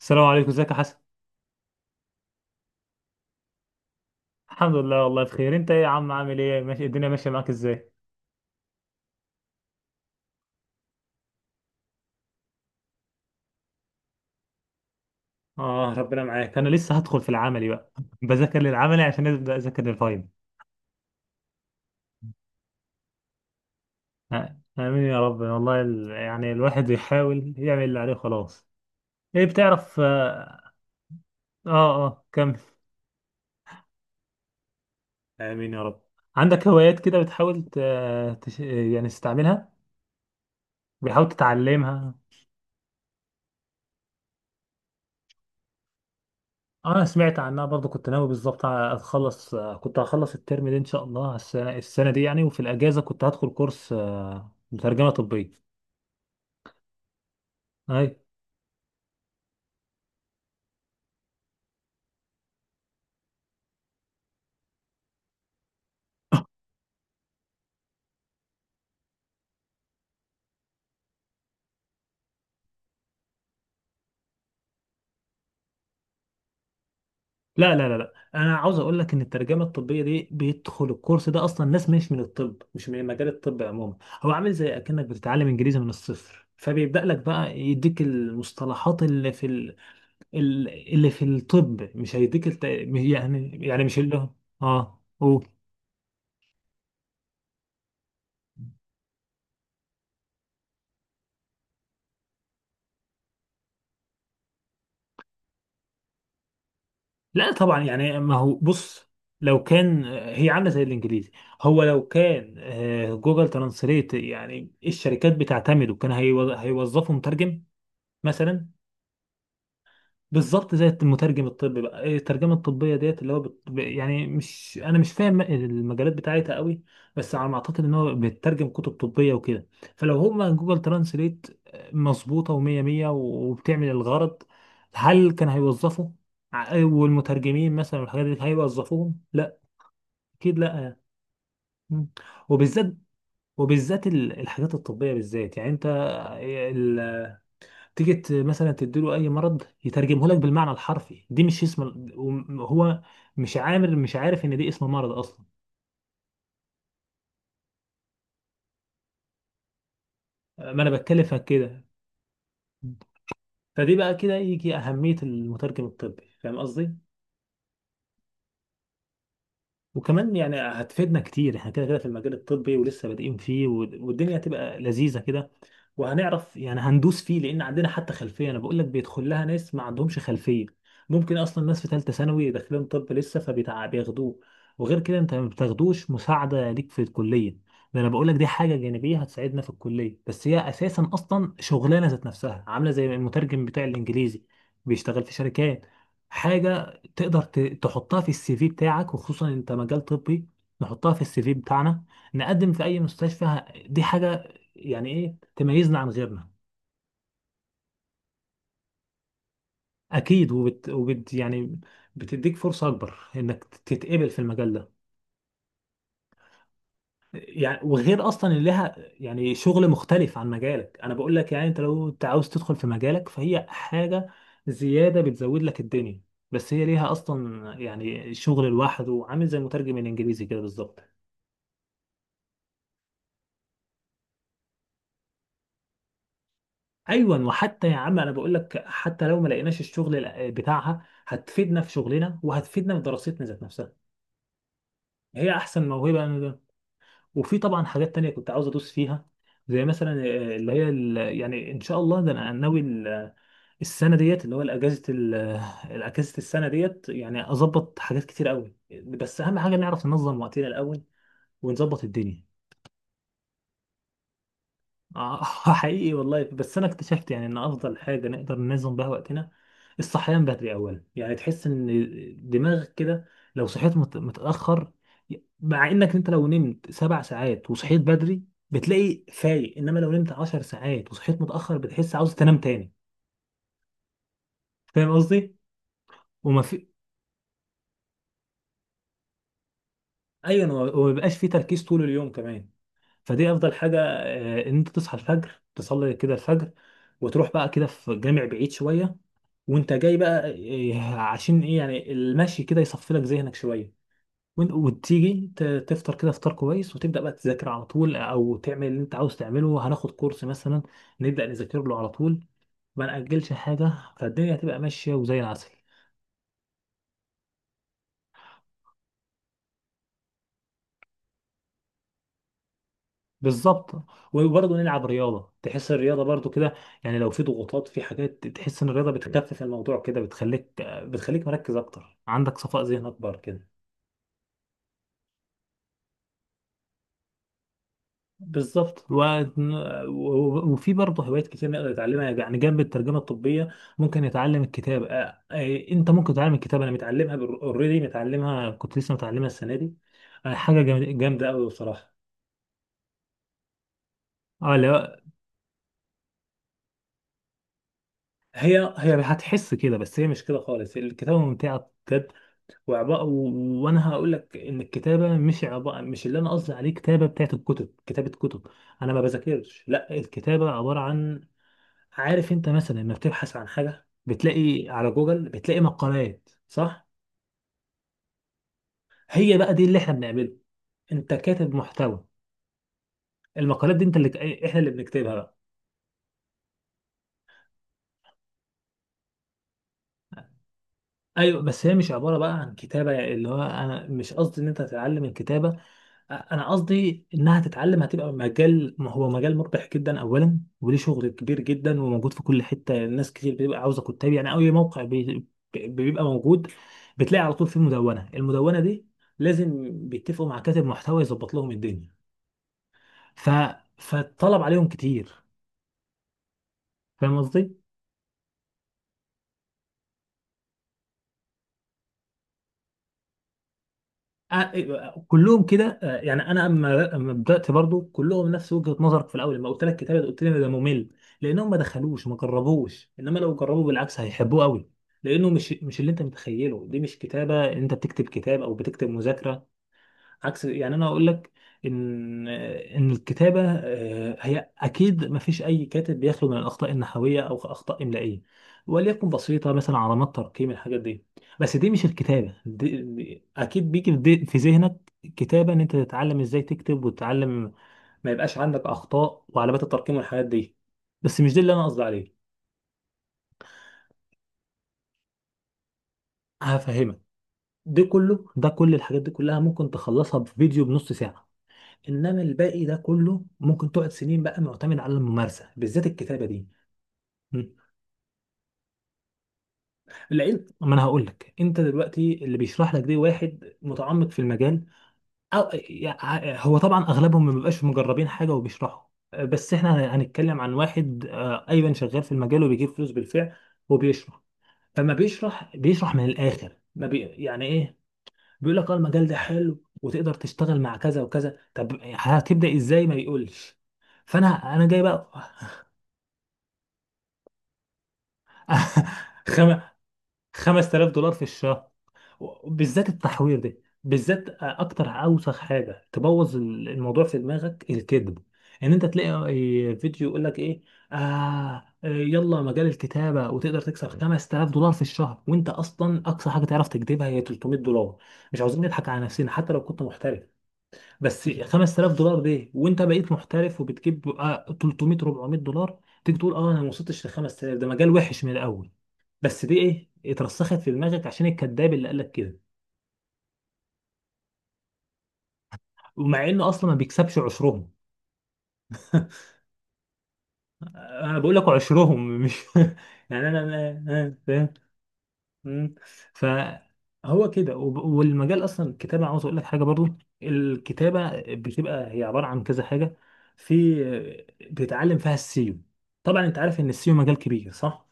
السلام عليكم، ازيك يا حسن؟ الحمد لله والله بخير، انت ايه يا عم؟ عامل ايه؟ ماشي، الدنيا ماشيه معاك ازاي؟ اه، ربنا معاك. انا لسه هدخل في العملي بقى بذاكر للعملي عشان ابدا اذاكر للفاينل. امين يا رب. والله يعني الواحد يحاول يعمل اللي عليه خلاص. ايه بتعرف؟ اه. اه. كمل. امين يا رب. عندك هوايات كده بتحاول يعني تستعملها؟ بتحاول تتعلمها. انا سمعت عنها برضو، كنت ناوي بالظبط اتخلص، كنت هخلص الترم ده ان شاء الله، السنه دي يعني، وفي الاجازه كنت هدخل كورس مترجمه طبيه. اي. لا لا لا لا، انا عاوز اقول لك ان الترجمه الطبيه دي بيدخل الكورس ده اصلا ناس مش من الطب، مش من مجال الطب عموما. هو عامل زي اكنك بتتعلم انجليزي من الصفر، فبيبدا لك بقى يديك المصطلحات اللي في اللي في الطب. مش هيديك يعني يعني مش اه قول. لا طبعا، يعني ما هو بص، لو كان هي عامله زي الانجليزي، هو لو كان جوجل ترانسليت يعني الشركات بتعتمده، كان هيوظفوا مترجم مثلا. بالظبط، زي المترجم الطبي بقى. إيه الترجمه الطبيه ديت؟ اللي هو يعني مش، انا مش فاهم المجالات بتاعتها قوي، بس على ما اعتقد ان هو بيترجم كتب طبيه وكده. فلو هما جوجل ترانسليت مظبوطه ومية مية وبتعمل الغرض، هل كان هيوظفه؟ والمترجمين مثلا والحاجات دي هيوظفوهم؟ لا، اكيد لا. مم. وبالذات، وبالذات الحاجات الطبيه بالذات، يعني انت تيجي مثلا تديله اي مرض يترجمه لك بالمعنى الحرفي. دي مش اسم هو مش عامل، مش عارف ان دي اسم مرض اصلا. ما انا بتكلم في كده. فدي بقى كده يجي اهمية المترجم الطبي. فاهم قصدي؟ وكمان يعني هتفيدنا كتير احنا كده كده في المجال الطبي ولسه بادئين فيه، والدنيا هتبقى لذيذة كده، وهنعرف يعني هندوس فيه لان عندنا حتى خلفية. انا بقول لك بيدخل لها ناس ما عندهمش خلفية، ممكن اصلا ناس في ثالثة ثانوي داخلين طب لسه فبياخدوه. وغير كده انت ما بتاخدوش مساعدة ليك في الكلية؟ ده انا بقول لك دي حاجة جانبية هتساعدنا في الكلية، بس هي اساسا اصلا شغلانة ذات نفسها، عاملة زي المترجم بتاع الانجليزي، بيشتغل في شركات. حاجة تقدر تحطها في السي في بتاعك، وخصوصا انت مجال طبي. نحطها في السي في بتاعنا، نقدم في اي مستشفى. دي حاجة يعني ايه تميزنا عن غيرنا. اكيد، وبت يعني بتديك فرصة اكبر انك تتقبل في المجال ده. يعني وغير اصلا ان لها يعني شغل مختلف عن مجالك، انا بقول لك يعني انت لو انت عاوز تدخل في مجالك فهي حاجة زيادة بتزود لك الدنيا، بس هي ليها اصلا يعني شغل لوحده، عامل زي مترجم الانجليزي كده بالظبط. ايوه وحتى يا عم، انا بقول لك حتى لو ما لقيناش الشغل بتاعها، هتفيدنا في شغلنا وهتفيدنا في دراستنا ذات نفسها. هي احسن موهبه أنا ده. وفي طبعا حاجات تانية كنت عاوز ادوس فيها، زي مثلا اللي هي يعني ان شاء الله ده انا ناوي السنه ديت اللي هو الاجازه الاجازه السنه ديت يعني اظبط حاجات كتير قوي، بس اهم حاجه نعرف ننظم وقتنا الاول ونظبط الدنيا. حقيقي والله. بس انا اكتشفت يعني ان افضل حاجه نقدر ننظم بها وقتنا، الصحيان بدري اولا، يعني تحس ان دماغك كده لو صحيت متاخر. مع انك انت لو نمت سبع ساعات وصحيت بدري بتلاقي فايق، انما لو نمت عشر ساعات وصحيت متاخر بتحس عاوز تنام تاني. فاهم قصدي؟ وما في، ايوه وما بيبقاش في تركيز طول اليوم كمان. فدي افضل حاجه، ان انت تصحى الفجر تصلي كده الفجر، وتروح بقى كده في جامع بعيد شويه، وانت جاي بقى إيه، عشان ايه؟ يعني المشي كده يصفي لك ذهنك شويه، وتيجي تفطر كده فطار كويس، وتبدا بقى تذاكر على طول، او تعمل اللي انت عاوز تعمله. هناخد كورس مثلا، نبدا نذاكر له على طول، ما ناجلش حاجه، فالدنيا هتبقى ماشيه وزي العسل. بالظبط وبرضه نلعب رياضه تحس الرياضه برضه كده يعني لو في ضغوطات في حاجات تحس ان الرياضه بتخفف الموضوع كده بتخليك بتخليك مركز اكتر عندك صفاء ذهن اكبر كده بالظبط. وفي برضه هوايات كتير نقدر نتعلمها، يعني جنب الترجمه الطبيه ممكن نتعلم الكتابه. انت ممكن تتعلم الكتابه، انا متعلمها اوريدي، متعلمها كنت لسه متعلمها السنه دي. حاجه جامده قوي بصراحه. اه لا، هي هتحس كده بس هي مش كده خالص. الكتابه ممتعه بجد. وعبارة و... وانا هقول لك ان الكتابه مش عبارة، مش اللي انا قصدي عليه كتابه بتاعت الكتب، كتابه كتب انا ما بذاكرش. لا الكتابه عباره عن، عارف انت مثلا لما بتبحث عن حاجه بتلاقي على جوجل بتلاقي مقالات، صح؟ هي بقى دي اللي احنا بنعمله. انت كاتب محتوى. المقالات دي انت اللي احنا اللي بنكتبها بقى. ايوه بس هي مش عباره بقى عن كتابه يعني، اللي هو انا مش قصدي ان انت تتعلم الكتابه، انا قصدي انها تتعلم هتبقى مجال. ما هو مجال مربح جدا اولا، وليه شغل كبير جدا وموجود في كل حته، الناس كتير بتبقى عاوزه كتاب يعني. اي موقع بيبقى موجود، بتلاقي على طول فيه مدونه، المدونه دي لازم بيتفقوا مع كاتب محتوى يظبط لهم الدنيا، ف فالطلب عليهم كتير. فاهم قصدي؟ كلهم كده. يعني انا أما بدات برضو كلهم نفس وجهه نظرك في الاول. لما قلت لك كتابه قلت لي إن ده ممل، لانهم ما دخلوش ما جربوش. انما لو جربوا بالعكس هيحبوه قوي، لانه مش اللي انت متخيله. دي مش كتابه انت بتكتب كتاب او بتكتب مذاكره. عكس، يعني انا اقول لك ان الكتابه هي اكيد ما فيش اي كاتب بيخلو من الاخطاء النحويه او اخطاء املائيه وليكن بسيطه، مثلا علامات ترقيم الحاجات دي. بس دي مش الكتابه، دي اكيد بيجي في في ذهنك كتابه ان انت تتعلم ازاي تكتب، وتتعلم ما يبقاش عندك اخطاء وعلامات الترقيم والحاجات دي. بس مش ده اللي انا قصدي عليه. هفهمك. ده كله، ده كل الحاجات دي كلها ممكن تخلصها في فيديو بنص ساعه، انما الباقي ده كله ممكن تقعد سنين بقى معتمد على الممارسه، بالذات الكتابه دي. م. العلم، ما انا هقول لك، انت دلوقتي اللي بيشرح لك دي واحد متعمق في المجال، او هو طبعا اغلبهم ما بيبقاش مجربين حاجه وبيشرحوا، بس احنا هنتكلم عن واحد ايضا شغال في المجال وبيجيب فلوس بالفعل وبيشرح. فما بيشرح، بيشرح من الاخر، ما بي يعني ايه، بيقول لك اه المجال ده حلو وتقدر تشتغل مع كذا وكذا، طب هتبدا ازاي؟ ما يقولش. فانا، انا جاي بقى خم... 5000 دولار في الشهر. بالذات التحوير ده، بالذات اكتر اوسخ حاجه تبوظ الموضوع في دماغك الكذب. ان انت تلاقي فيديو يقول لك ايه؟ آه يلا مجال الكتابه وتقدر تكسب 5000 دولار في الشهر، وانت اصلا اقصى حاجه تعرف تكذبها هي 300 دولار. مش عاوزين نضحك على نفسنا حتى لو كنت محترف. بس 5000 دولار دي وانت بقيت محترف وبتجيب 300 400 دولار، تيجي تقول اه انا ما وصلتش ل 5000، ده مجال وحش من الاول. بس دي ايه؟ اترسخت في دماغك عشان الكذاب اللي قالك كده. ومع انه اصلا ما بيكسبش عشرهم انا بقول لك عشرهم مش يعني انا فاهم. مم. فهو كده، والمجال اصلا الكتابه، عاوز اقول لك حاجه برضو. الكتابه بتبقى هي عباره عن كذا حاجه، في بتتعلم فيها السيو. طبعا انت عارف ان السيو مجال كبير، صح؟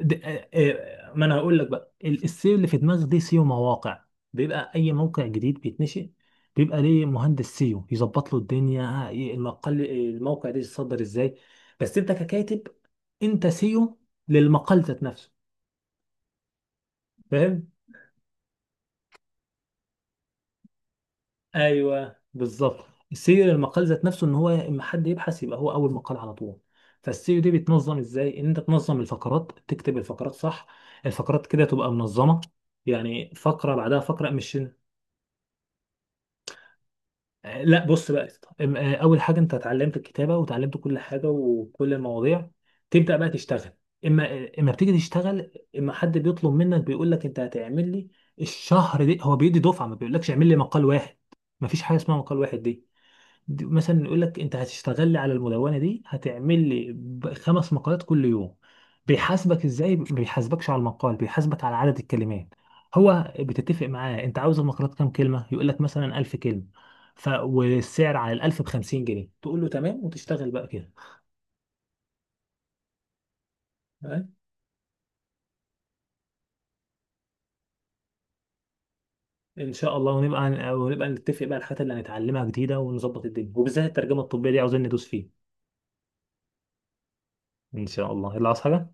ما انا هقول لك بقى السيو اللي في دماغك دي سيو مواقع. بيبقى اي موقع جديد بيتنشئ، بيبقى ليه مهندس سيو يظبط له الدنيا المقال الموقع ده يتصدر ازاي. بس انت ككاتب، انت سيو للمقال ذات نفسه. فاهم؟ ايوه بالظبط. السيو المقال ذات نفسه ان هو اما حد يبحث يبقى هو اول مقال على طول. فالسيو دي بيتنظم ازاي؟ ان انت تنظم الفقرات، تكتب الفقرات صح، الفقرات كده تبقى منظمه، يعني فقره بعدها فقره مش. لا بص بقى اول حاجه انت اتعلمت الكتابه وتعلمت كل حاجه وكل المواضيع، تبدا بقى تشتغل. اما بتيجي تشتغل، اما حد بيطلب منك بيقول لك انت هتعمل لي الشهر دي، هو بيدي دفعه، ما بيقولكش اعمل لي مقال واحد، ما فيش حاجه اسمها مقال واحد دي. مثلا يقول لك انت هتشتغل لي على المدونه دي هتعمل لي خمس مقالات كل يوم. بيحاسبك ازاي؟ ما بيحاسبكش على المقال، بيحاسبك على عدد الكلمات. هو بتتفق معاه انت عاوز المقالات كام كلمه، يقول لك مثلا 1000 كلمه، والسعر على ال1000 ب 50 جنيه، تقول له تمام، وتشتغل بقى كده. تمام؟ ان شاء الله ونبقى نتفق بقى الحاجات اللي هنتعلمها جديده، ونظبط الدنيا، وبالذات الترجمه الطبيه دي عاوزين ندوس فيه. ان شاء الله، يلا عاوز حاجه؟